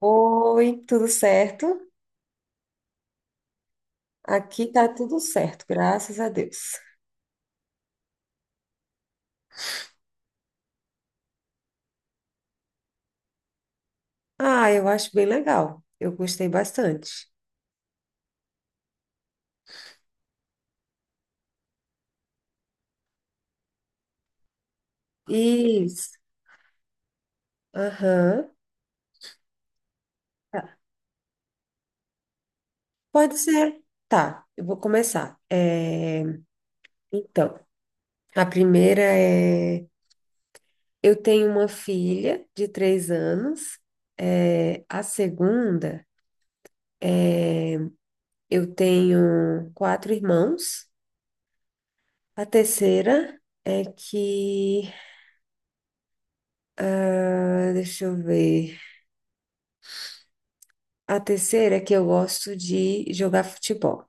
Oi, tudo certo? Aqui tá tudo certo, graças a Deus. Ah, eu acho bem legal. Eu gostei bastante. Isso. Aham. Tá. Pode ser. Tá, eu vou começar. É, então, a primeira é: eu tenho uma filha de 3 anos. É, a segunda é: eu tenho quatro irmãos. A terceira é que. Ah, deixa eu ver. A terceira é que eu gosto de jogar futebol.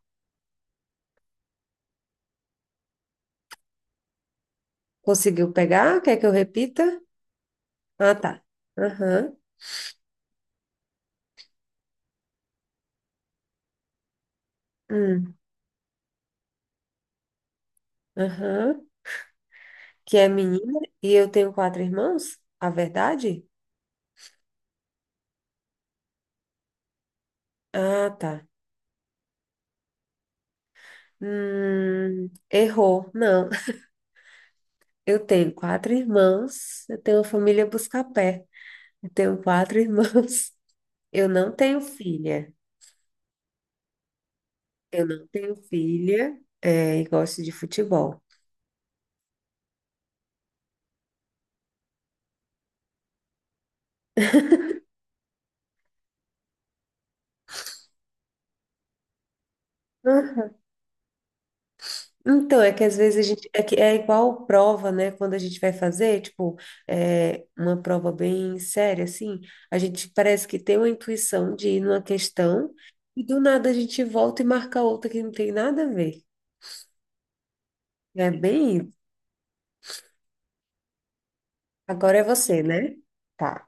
Conseguiu pegar? Quer que eu repita? Ah, tá. Aham. Hum. Aham. Que é menina e eu tenho quatro irmãos? A verdade? Ah, tá. Errou. Não. Eu tenho quatro irmãos. Eu tenho uma família busca-pé. Eu tenho quatro irmãos. Eu não tenho filha. Eu não tenho filha, é, e gosto de futebol. Então, é que às vezes a gente. É, que é igual prova, né? Quando a gente vai fazer, tipo, é, uma prova bem séria, assim, a gente parece que tem uma intuição de ir numa questão e do nada a gente volta e marca outra que não tem nada a ver. É bem isso. Agora é você, né? Tá.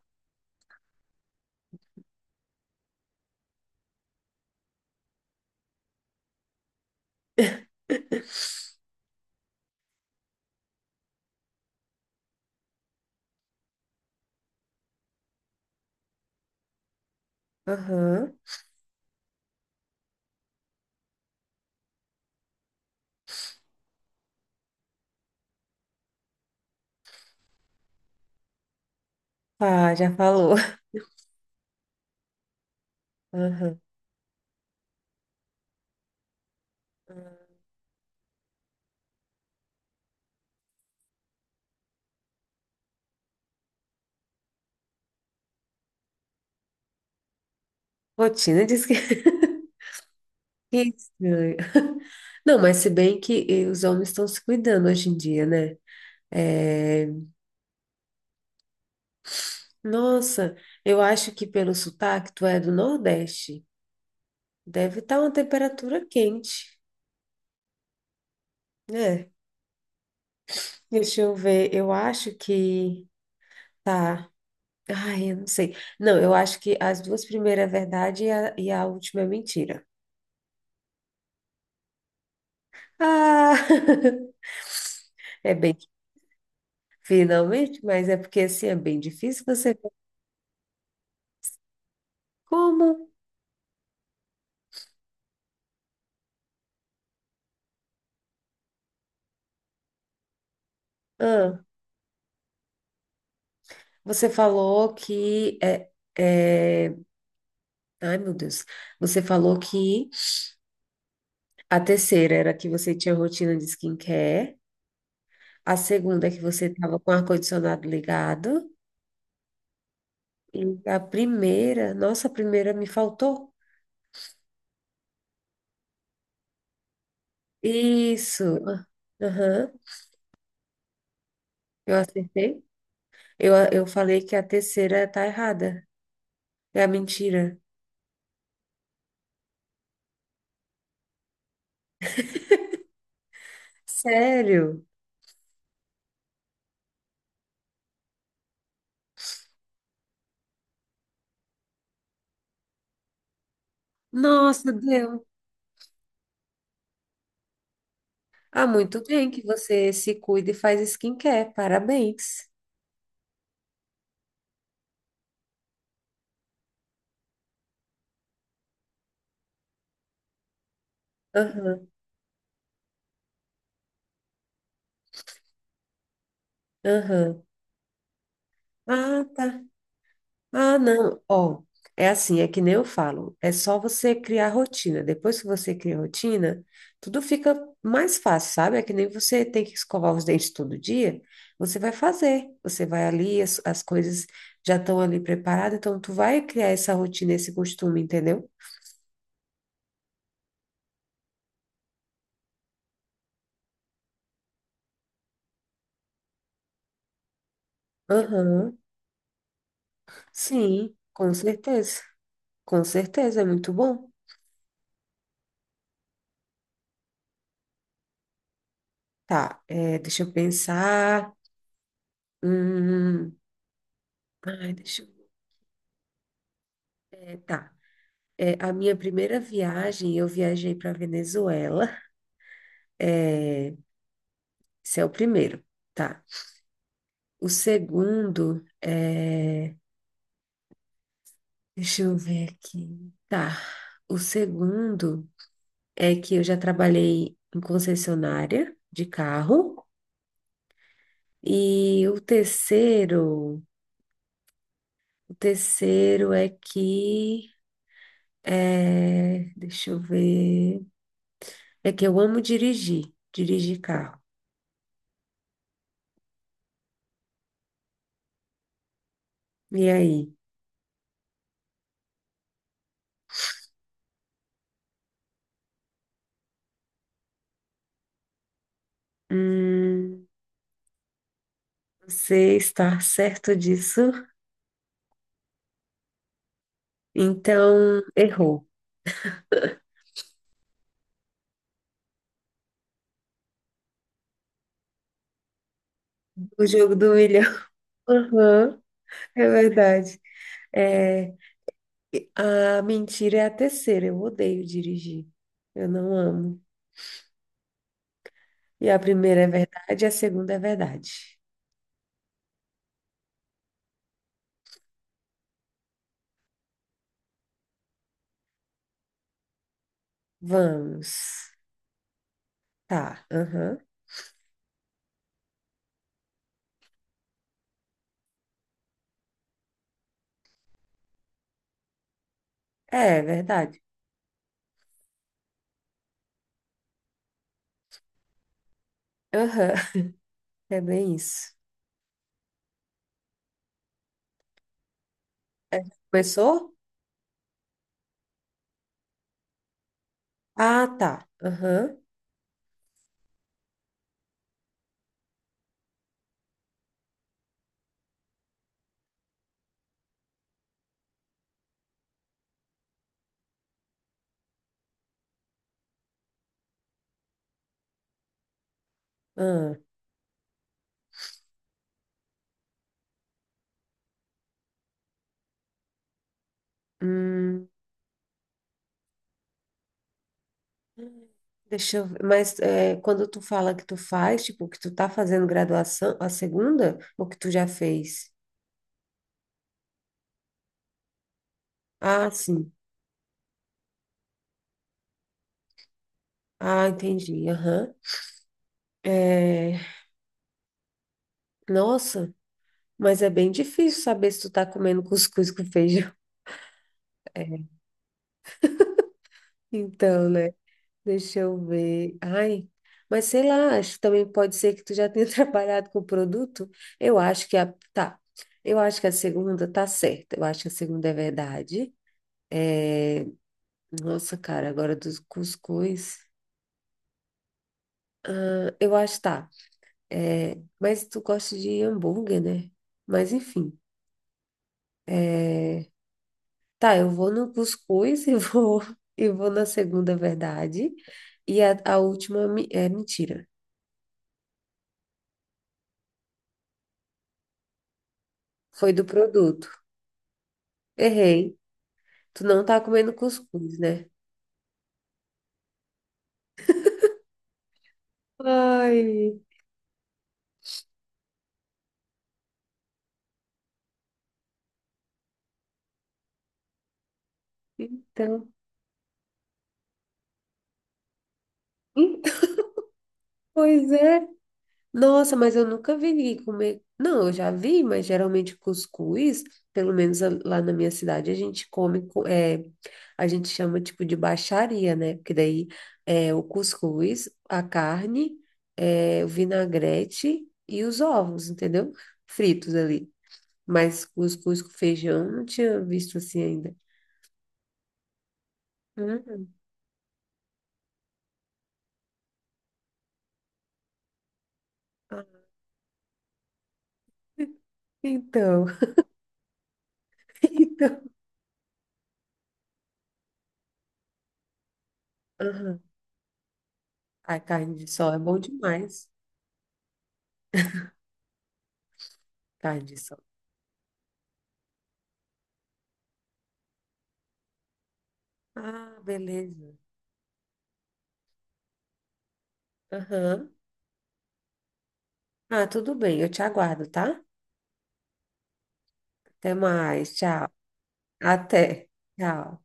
Aham. Ah, já falou. Aham. Rotina diz que. Que estranho. Não, mas se bem que eh, os homens estão se cuidando hoje em dia, né? É, nossa, eu acho que pelo sotaque tu é do Nordeste. Deve estar uma temperatura quente, né? Deixa eu ver, eu acho que tá. Ai, eu não sei. Não, eu acho que as duas primeiras é verdade e a última é mentira. Ah! É bem, finalmente, mas é porque assim é bem difícil você ver como. Ah, você falou que é, é... Ai, meu Deus. Você falou que a terceira era que você tinha rotina de skincare. A segunda é que você estava com o ar-condicionado ligado. E a primeira, nossa, a primeira me faltou. Isso. Aham, eu acertei. Eu falei que a terceira tá errada. É a mentira. Sério? Nossa, deu. Ah, muito bem que você se cuida e faz skincare. Parabéns. Aham, aham. Ah, tá. Ah, não. Ó, é assim, é que nem eu falo. É só você criar rotina. Depois que você cria rotina, tudo fica mais fácil, sabe? É que nem você tem que escovar os dentes todo dia. Você vai fazer. Você vai ali, as coisas já estão ali preparadas. Então, tu vai criar essa rotina, esse costume, entendeu? Aham. Sim, com certeza. Com certeza, é muito bom. Tá, é, deixa eu pensar. Hum, ai, deixa eu... é, tá. É, a minha primeira viagem, eu viajei para Venezuela. Esse é o primeiro, tá? O segundo é. Deixa eu ver aqui. Tá. O segundo é que eu já trabalhei em concessionária de carro. E o terceiro é que é, deixa eu ver. É que eu amo dirigir, dirigir carro. E aí? Hum, você está certo disso? Então, errou. O jogo do milhão. Aham, é verdade. É, e a mentira é a terceira. Eu odeio dirigir. Eu não amo. E a primeira é verdade, a segunda é verdade. Vamos. Tá, aham. É, é verdade. Aham, é bem isso. É, começou? Ah, tá. Aham. Ah, hum. Deixa eu ver. Mas é, quando tu fala que tu faz, tipo, que tu tá fazendo graduação, a segunda, ou que tu já fez? Ah, sim. Ah, entendi. Aham. É, nossa, mas é bem difícil saber se tu tá comendo cuscuz com feijão. É. Então, né? Deixa eu ver. Ai, mas sei lá, acho que também pode ser que tu já tenha trabalhado com o produto. Eu acho que a. Tá. Eu acho que a segunda tá certa. Eu acho que a segunda é verdade. Nossa, cara, agora dos cuscuz. Eu acho, tá. É, mas tu gosta de hambúrguer, né? Mas enfim. É, tá, eu vou no cuscuz e vou, e vou na segunda verdade. E a última é mentira. Foi do produto. Errei. Tu não tá comendo cuscuz, né? Ai, então. Pois é. Nossa, mas eu nunca vi ninguém comer. Não, eu já vi, mas geralmente cuscuz, pelo menos lá na minha cidade, a gente come, é, a gente chama tipo de baixaria, né? Porque daí é o cuscuz, a carne, é, o vinagrete e os ovos, entendeu? Fritos ali. Mas cuscuz com feijão eu não tinha visto assim ainda. Uhum. Ah, então, então. Aham. A carne de sol é bom demais. Carne de sol. Ah, beleza. Aham. Ah, tudo bem, eu te aguardo, tá? Até mais, tchau. Até. Tchau.